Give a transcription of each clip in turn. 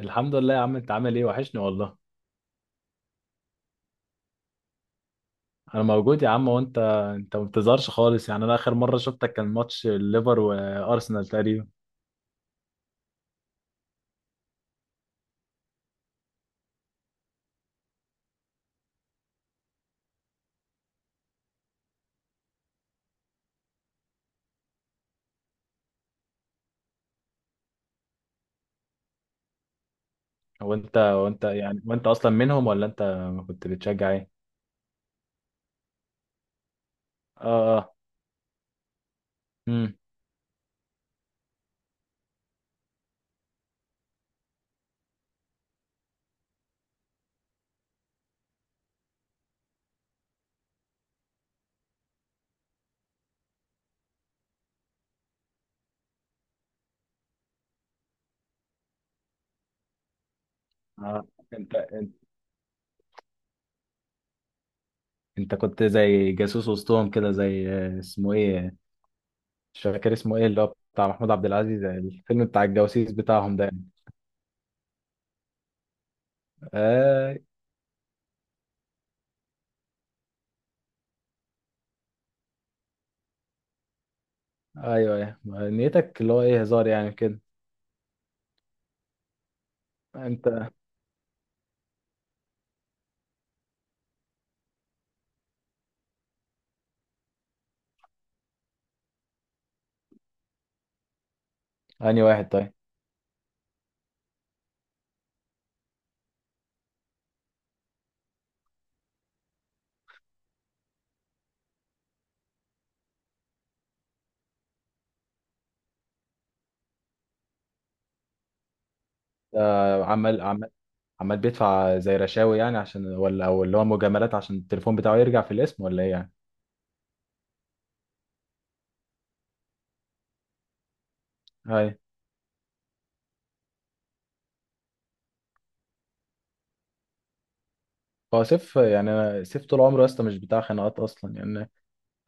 الحمد لله يا عم، انت عامل ايه؟ وحشني والله. انا موجود يا عم، وانت؟ انت ما بتظهرش خالص يعني. انا اخر مره شفتك كان ماتش الليفر وارسنال تقريبا. هو انت وانت يعني وانت اصلا منهم، ولا انت كنت بتشجع ايه؟ اه اه. امم آه. انت انت انت كنت زي جاسوس وسطهم كده، زي اسمه ايه، مش فاكر اسمه ايه، اللي هو بتاع محمود عبد العزيز، الفيلم بتاع الجواسيس بتاعهم ده يعني. آه. ايوه ايوه، نيتك اللي هو ايه، هزار يعني كده. انت انهي واحد طيب؟ عمال عمال، عمال بيدفع زي رشاوي يعني، عشان ولا او اللي هو مجاملات عشان التليفون بتاعه يرجع في الاسم، ولا ايه يعني؟ هاي. هو سيف، يعني سيف طول عمره يا اسطى مش بتاع خناقات اصلا يعني.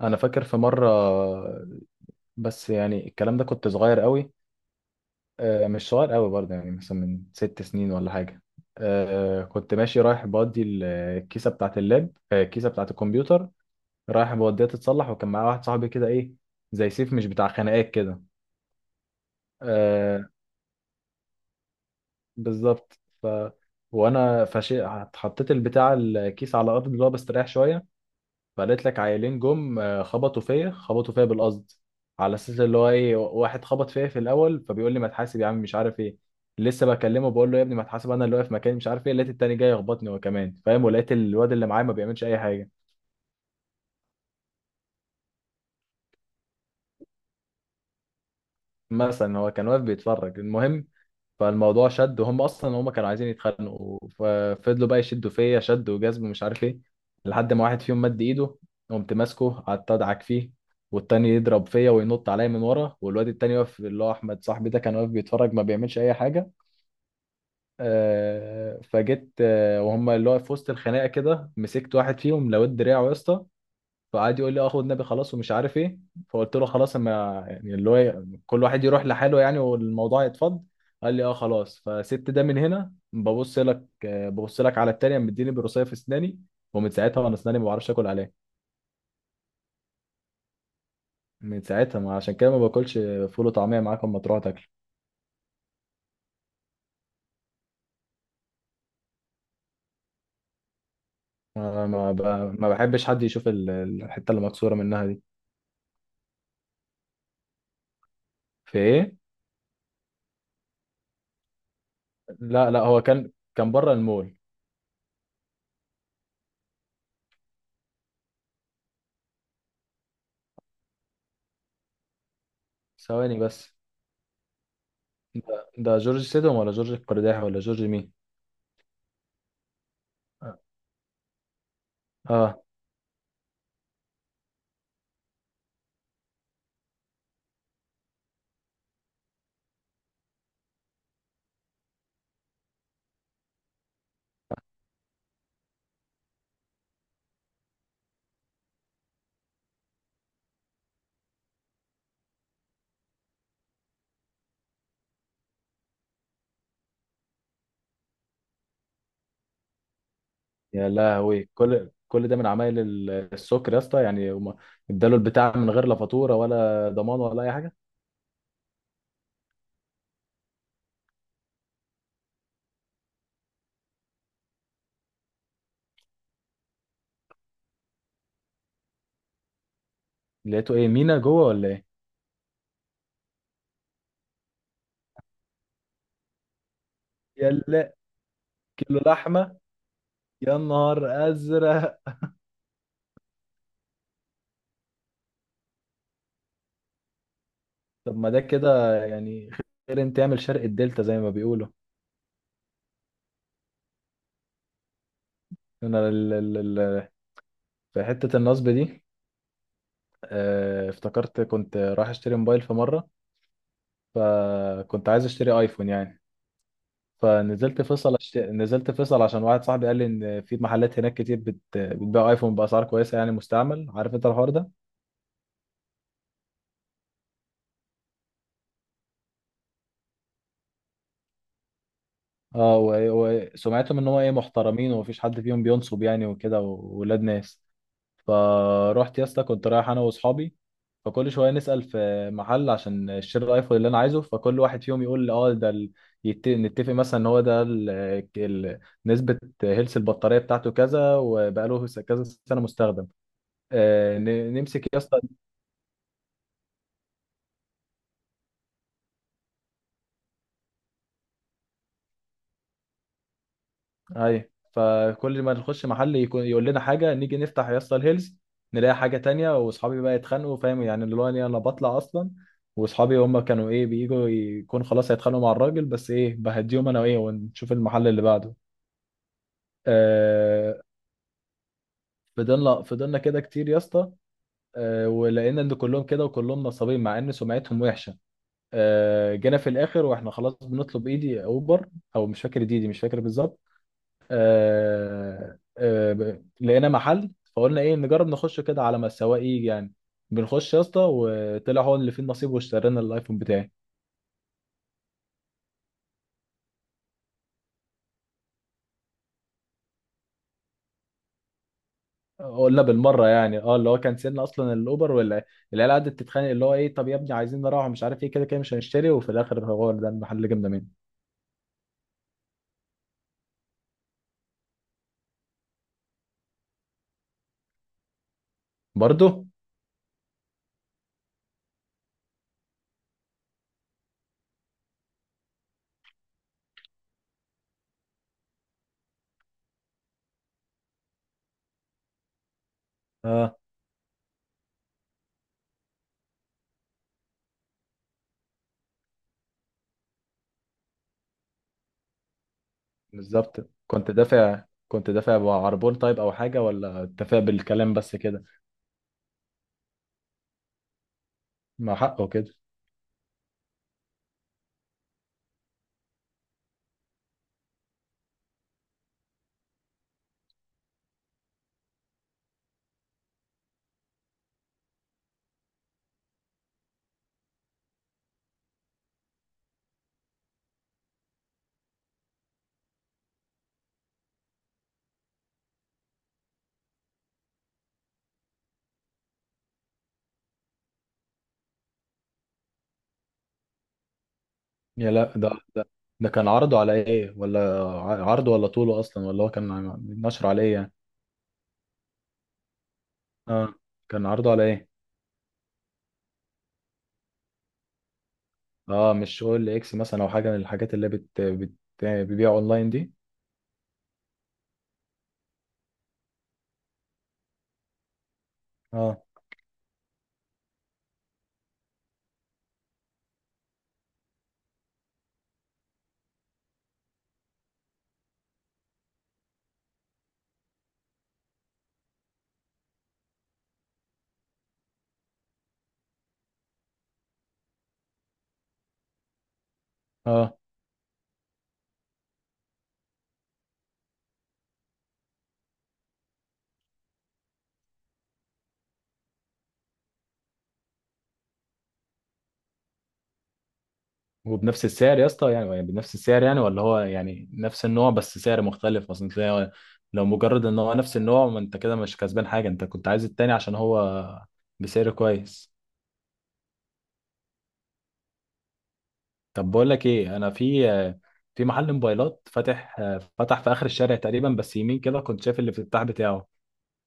انا فاكر في مره، بس يعني الكلام ده كنت صغير قوي. مش صغير قوي برضه، يعني مثلا من 6 سنين ولا حاجه. كنت ماشي رايح بودي الكيسه بتاعه اللاب، الكيسه بتاعه الكمبيوتر. رايح بوديها تتصلح، وكان معايا واحد صاحبي كده ايه، زي سيف مش بتاع خناقات كده. آه، بالظبط. ف وانا فشي حطيت البتاع الكيس على الارض، اللي هو بستريح شويه. فقالت لك عيلين جم، خبطوا فيا، خبطوا فيا بالقصد، على اساس اللي هو ايه، واحد خبط فيا في الاول، فبيقول لي ما تحاسب يا عم، مش عارف ايه. لسه بكلمه، بقول له يا ابني ما تحاسب، انا اللي واقف مكاني، مش عارف ايه، لقيت التاني جاي يخبطني هو كمان، فاهم، ولقيت الواد اللي معايا ما بيعملش اي حاجه. مثلا هو كان واقف بيتفرج. المهم، فالموضوع شد، وهم اصلا هم كانوا عايزين يتخانقوا، ففضلوا بقى يشدوا فيا شد وجذب ومش عارف ايه. لحد ما واحد فيهم مد ايده، قمت ماسكه، قعدت ادعك فيه، والتاني يضرب فيا وينط عليا من ورا، والواد التاني واقف، اللي هو احمد صاحبي ده، كان واقف بيتفرج ما بيعملش اي حاجه. فجيت، وهم اللي هو في وسط الخناقه كده، مسكت واحد فيهم لويت دراعه يا اسطى. فقعد يقول لي اه خد نبي خلاص، ومش عارف ايه. فقلت له خلاص، اما يعني اللي هو كل واحد يروح لحاله يعني، والموضوع يتفض. قال لي اه خلاص. فسبت ده، من هنا ببص لك، ببص لك على التانية، مديني بروسيه في اسناني. ومن ساعتها وانا اسناني ما بعرفش اكل عليها. من ساعتها ما، عشان كده ما باكلش فول وطعميه معاك اما تروح تاكل. ما ما ب- ما بحبش حد يشوف الحته اللي مكسوره منها دي. في ايه؟ لا لا، هو كان كان بره المول. ثواني بس، ده جورج سيدهم، ولا جورج القرداحي، ولا جورج مين؟ اه. يا لهوي، كل كل ده من عمايل السكر يا اسطى يعني. هم اداله البتاع من غير لا فاتوره ولا ضمان ولا اي حاجه. لقيته ايه، مينا جوه ولا ايه؟ يلا. كيلو لحمه؟ يا نهار ازرق. طب ما ده كده يعني. خير، انت تعمل شرق الدلتا زي ما بيقولوا. انا ال ال ال في حته النصب دي. افتكرت كنت رايح اشتري موبايل في مره. فكنت عايز اشتري ايفون يعني. فنزلت فيصل، نزلت فيصل عشان واحد صاحبي قال لي ان في محلات هناك كتير بتبيع ايفون باسعار كويسه يعني، مستعمل، عارف انت الحوار ده. اه. وسمعتهم ان هو ايه، محترمين ومفيش حد فيهم بينصب يعني، وكده، وولاد ناس. فروحت يا اسطى، كنت رايح انا واصحابي. فكل شويه نسال في محل عشان نشتري الايفون اللي انا عايزه. فكل واحد فيهم يقول لي اه ده نتفق مثلا ان هو ال... نسبه هيلث البطاريه بتاعته كذا، وبقاله كذا سنه مستخدم. نمسك يا اسطى. ايوه. فكل ما نخش محل يكون يقول لنا حاجه، نيجي نفتح يا اسطى الهيلز، نلاقي حاجه تانية. واصحابي بقى يتخانقوا، فاهم يعني، اللي هو انا بطلع اصلا. واصحابي هم كانوا ايه، بييجوا يكون خلاص هيتخانقوا مع الراجل، بس ايه بهديهم انا، وايه ونشوف المحل اللي بعده. آه. فضلنا كده كتير يا اسطى. آه، ولقينا ان كلهم كده وكلهم نصابين، مع ان سمعتهم وحشه. آه جينا في الاخر واحنا خلاص بنطلب ايدي اوبر، او مش فاكر، ديدي مش فاكر بالظبط. آه آه، لقينا محل، فقلنا ايه نجرب نخش كده على ما السواق يجي يعني. بنخش يا اسطى، وطلع هو اللي فيه النصيب، واشترينا الايفون بتاعي. قلنا بالمره يعني. اه اللي هو، كنسلنا اصلا الاوبر، ولا العيال قعدت تتخانق، اللي هو ايه طب يا ابني عايزين نروح مش عارف ايه، كده كده مش هنشتري، وفي الاخر هو ده المحل اللي جبنا منه. برضه. اه. بالظبط. كنت دافع بعربون طيب او حاجه، ولا اتفق بالكلام بس كده؟ مع حقه كده. يا لا ده، ده ده كان عرضه على ايه، ولا عرضه ولا طوله اصلا، ولا هو كان نشره على ايه يعني؟ اه. كان عرضه على ايه؟ اه مش اول اكس مثلا، او حاجه من الحاجات اللي بت بتبيع اونلاين دي؟ اه اه. وبنفس السعر يا اسطى يعني، يعني بنفس السعر يعني، ولا هو يعني نفس النوع بس سعر مختلف اصلا؟ تلاقي، لو مجرد ان هو نفس النوع، ما انت كده مش كسبان حاجه، انت كنت عايز التاني عشان هو بسعر كويس. طب بقول لك ايه، انا في، في محل موبايلات فاتح، فتح في اخر الشارع تقريبا، بس يمين كده، كنت شايف الافتتاح بتاعه.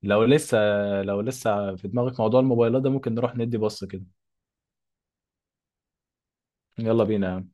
لو لسه، لو لسه في دماغك موضوع الموبايلات ده، ممكن نروح ندي بص كده. يلا بينا.